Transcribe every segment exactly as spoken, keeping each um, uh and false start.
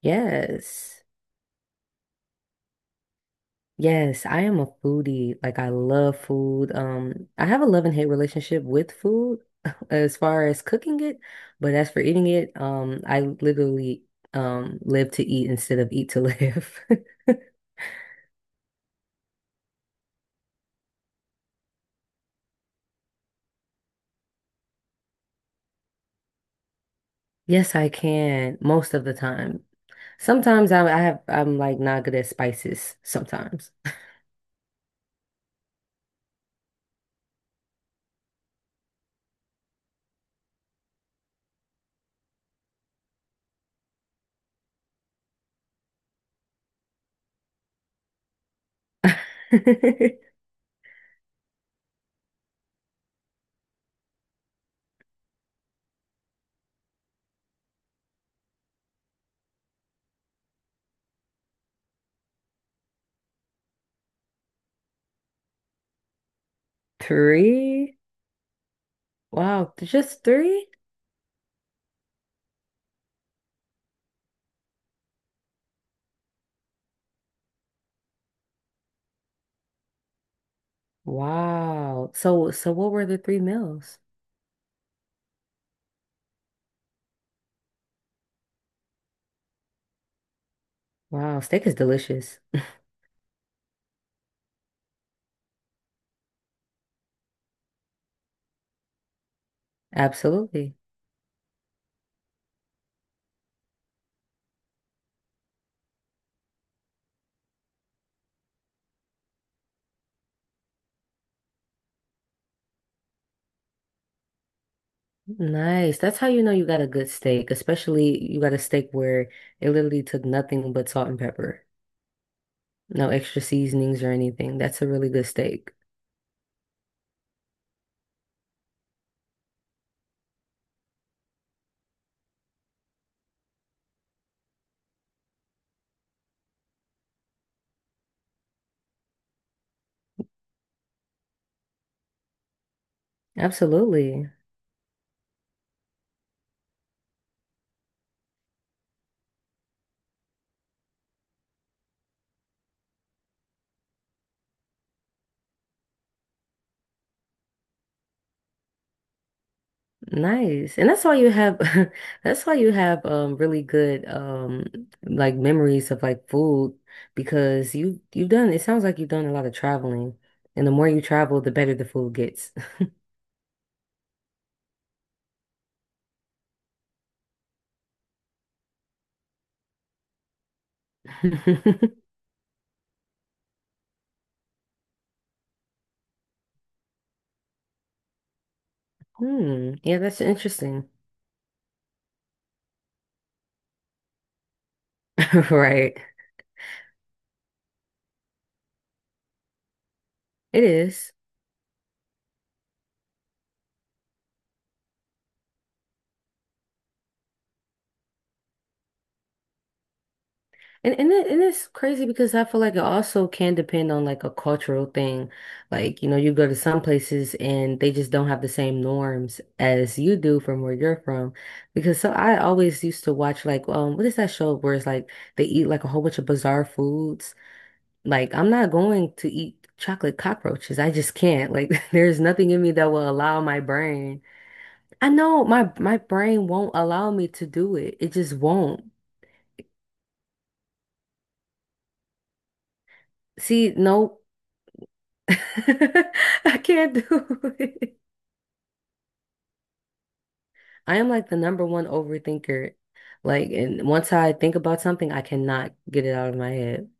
Yes. Yes, I am a foodie. Like I love food. Um, I have a love and hate relationship with food as far as cooking it, but as for eating it, um, I literally um live to eat instead of eat to live. Yes, I can most of the time. Sometimes I, I have I'm like not good at spices sometimes. Three? Wow, just three? Wow. So so what were the three meals? Wow, steak is delicious. Absolutely. Nice. That's how you know you got a good steak, especially you got a steak where it literally took nothing but salt and pepper. No extra seasonings or anything. That's a really good steak. Absolutely. Nice. And that's why you have that's why you have um really good um like memories of like food because you you've done it sounds like you've done a lot of traveling. And the more you travel, the better the food gets. Hmm. Yeah, that's interesting. Right. It is. And and it, and it's crazy because I feel like it also can depend on like a cultural thing. Like, you know, you go to some places and they just don't have the same norms as you do from where you're from. Because so I always used to watch like um what is that show where it's like they eat like a whole bunch of bizarre foods. Like I'm not going to eat chocolate cockroaches. I just can't. Like there's nothing in me that will allow my brain. I know my my brain won't allow me to do it. It just won't. See, no. I can't do it. I am like the number one overthinker. Like, and once I think about something, I cannot get it out of my head.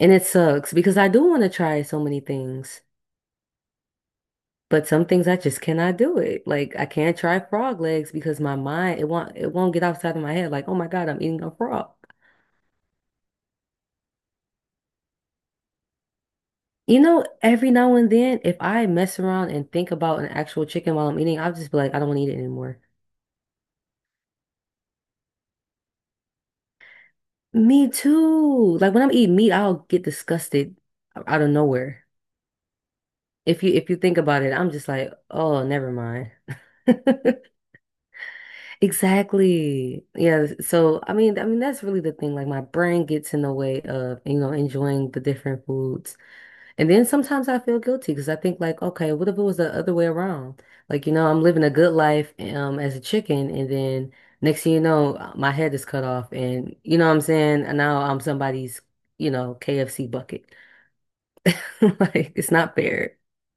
And it sucks because I do want to try so many things, but some things I just cannot do it. Like, I can't try frog legs because my mind, it won't, it won't get outside of my head. Like, oh my God, I'm eating a frog. You know, every now and then, if I mess around and think about an actual chicken while I'm eating, I'll just be like, I don't want to eat it anymore. Me too. Like when I'm eating meat, I'll get disgusted out of nowhere. If you if you think about it, I'm just like, oh, never mind. Exactly. Yeah. So I mean, I mean that's really the thing. Like my brain gets in the way of, you know, enjoying the different foods. And then sometimes I feel guilty because I think like, okay, what if it was the other way around? Like, you know, I'm living a good life um as a chicken and then next thing you know, uh, my head is cut off and you know what I'm saying? And now I'm somebody's, you know, K F C bucket. Like, it's not fair.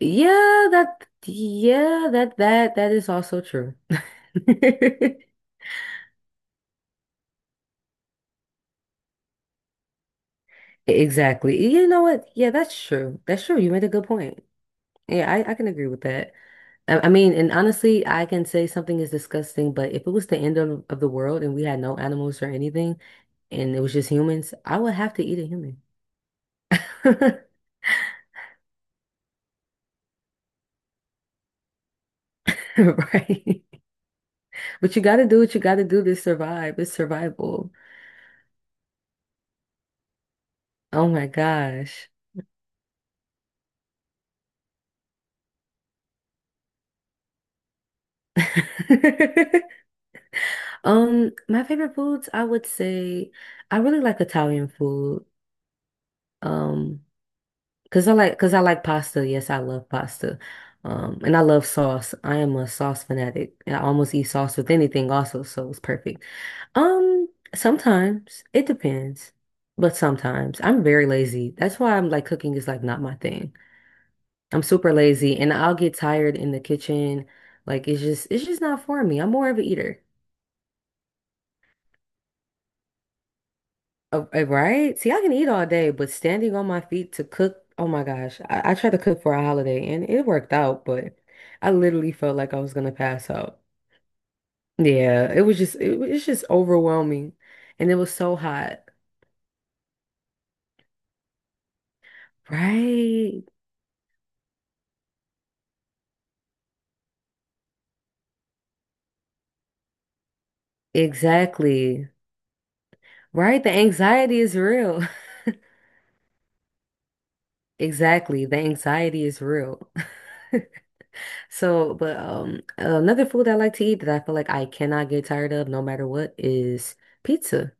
Yeah, that yeah, that that that is also true. Exactly. You know what? Yeah, that's true. That's true. You made a good point. Yeah, I, I can agree with that. I I mean, and honestly, I can say something is disgusting, but if it was the end of, of the world and we had no animals or anything, and it was just humans, I would have to eat a human. Right? But you gotta do what you gotta do to survive. It's survival. Oh my gosh. Um, my favorite foods, I would say I really like Italian food. Um, Cause I like, cause I like pasta. Yes, I love pasta. Um, and I love sauce. I am a sauce fanatic. and I almost eat sauce with anything also, so it's perfect. Um, sometimes it depends, but sometimes I'm very lazy. That's why I'm like cooking is like not my thing. I'm super lazy and I'll get tired in the kitchen. Like it's just, it's just not for me. I'm more of an eater. Uh, uh, right? See, I can eat all day, but standing on my feet to cook, oh my gosh. I, I tried to cook for a holiday and it worked out, but I literally felt like I was gonna pass out. Yeah, it was just it, was- it's just overwhelming. And it was so hot. Right. Exactly. Right. The anxiety is real. Exactly. The anxiety is real. So, but um another food I like to eat that I feel like I cannot get tired of no matter what is pizza.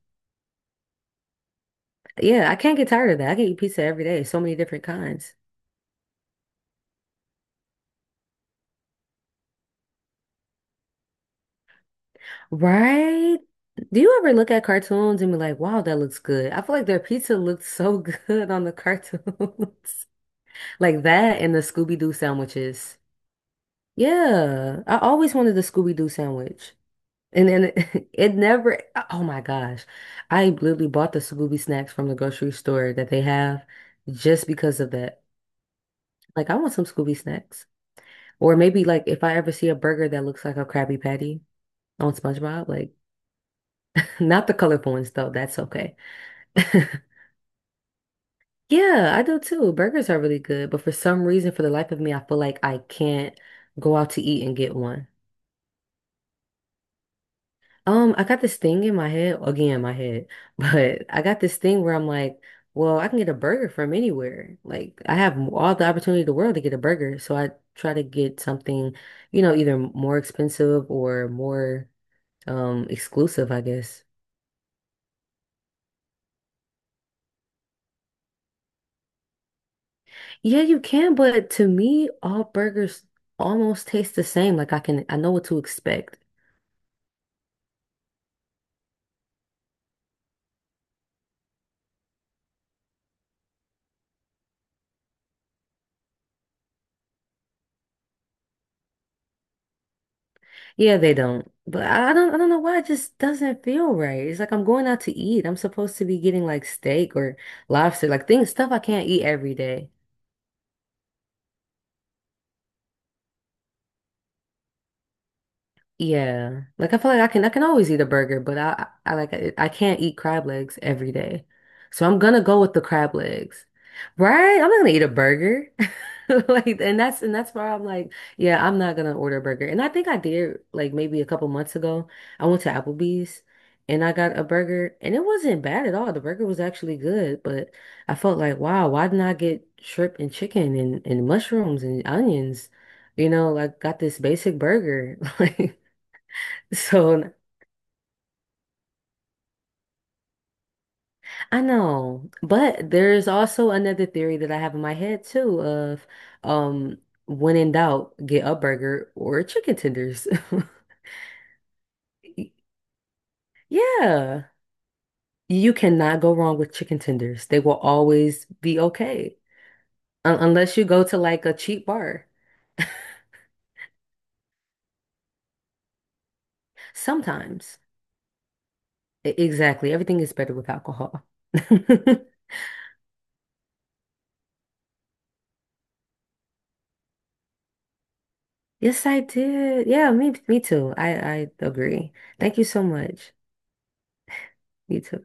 Yeah, I can't get tired of that. I can eat pizza every day, so many different kinds. Right? Do you ever look at cartoons and be like, wow, that looks good? I feel like their pizza looks so good on the cartoons. Like that and the Scooby-Doo sandwiches. Yeah, I always wanted the Scooby-Doo sandwich. And then it, it never, oh my gosh. I literally bought the Scooby snacks from the grocery store that they have just because of that. Like, I want some Scooby snacks. Or maybe like if I ever see a burger that looks like a Krabby Patty. on SpongeBob. Like, not the colorful ones though. That's okay. Yeah, I do too. Burgers are really good, but for some reason, for the life of me, I feel like I can't go out to eat and get one. Um, I got this thing in my head, again, my head, but I got this thing where I'm like, well, I can get a burger from anywhere. Like, I have m- all the opportunity in the world to get a burger, so I try to get something, you know, either more expensive or more um exclusive, I guess. Yeah, you can, but to me, all burgers almost taste the same. Like I can, I know what to expect. Yeah, they don't, but I I don't, I don't know why it just doesn't feel right. It's like I'm going out to eat. I'm supposed to be getting like steak or lobster, like things, stuff I can't eat every day. Yeah, like I feel like I can, I can always eat a burger, but I, I, I like, I, I can't eat crab legs every day. So I'm gonna go with the crab legs, right? I'm not gonna eat a burger. Like, and that's and that's where I'm like, yeah, I'm not gonna order a burger. And I think I did like maybe a couple months ago. I went to Applebee's and I got a burger and it wasn't bad at all. The burger was actually good, but I felt like, wow, why didn't I get shrimp and chicken and, and mushrooms and onions? You know, like got this basic burger. Like so I know. But there's also another theory that I have in my head too of um when in doubt, get a burger or chicken tenders. Yeah. You cannot go wrong with chicken tenders. They will always be okay. Un unless you go to like a cheap bar. Sometimes. E- exactly. Everything is better with alcohol. Yes, I did. Yeah, me me too. I I agree. Thank you so much. You too.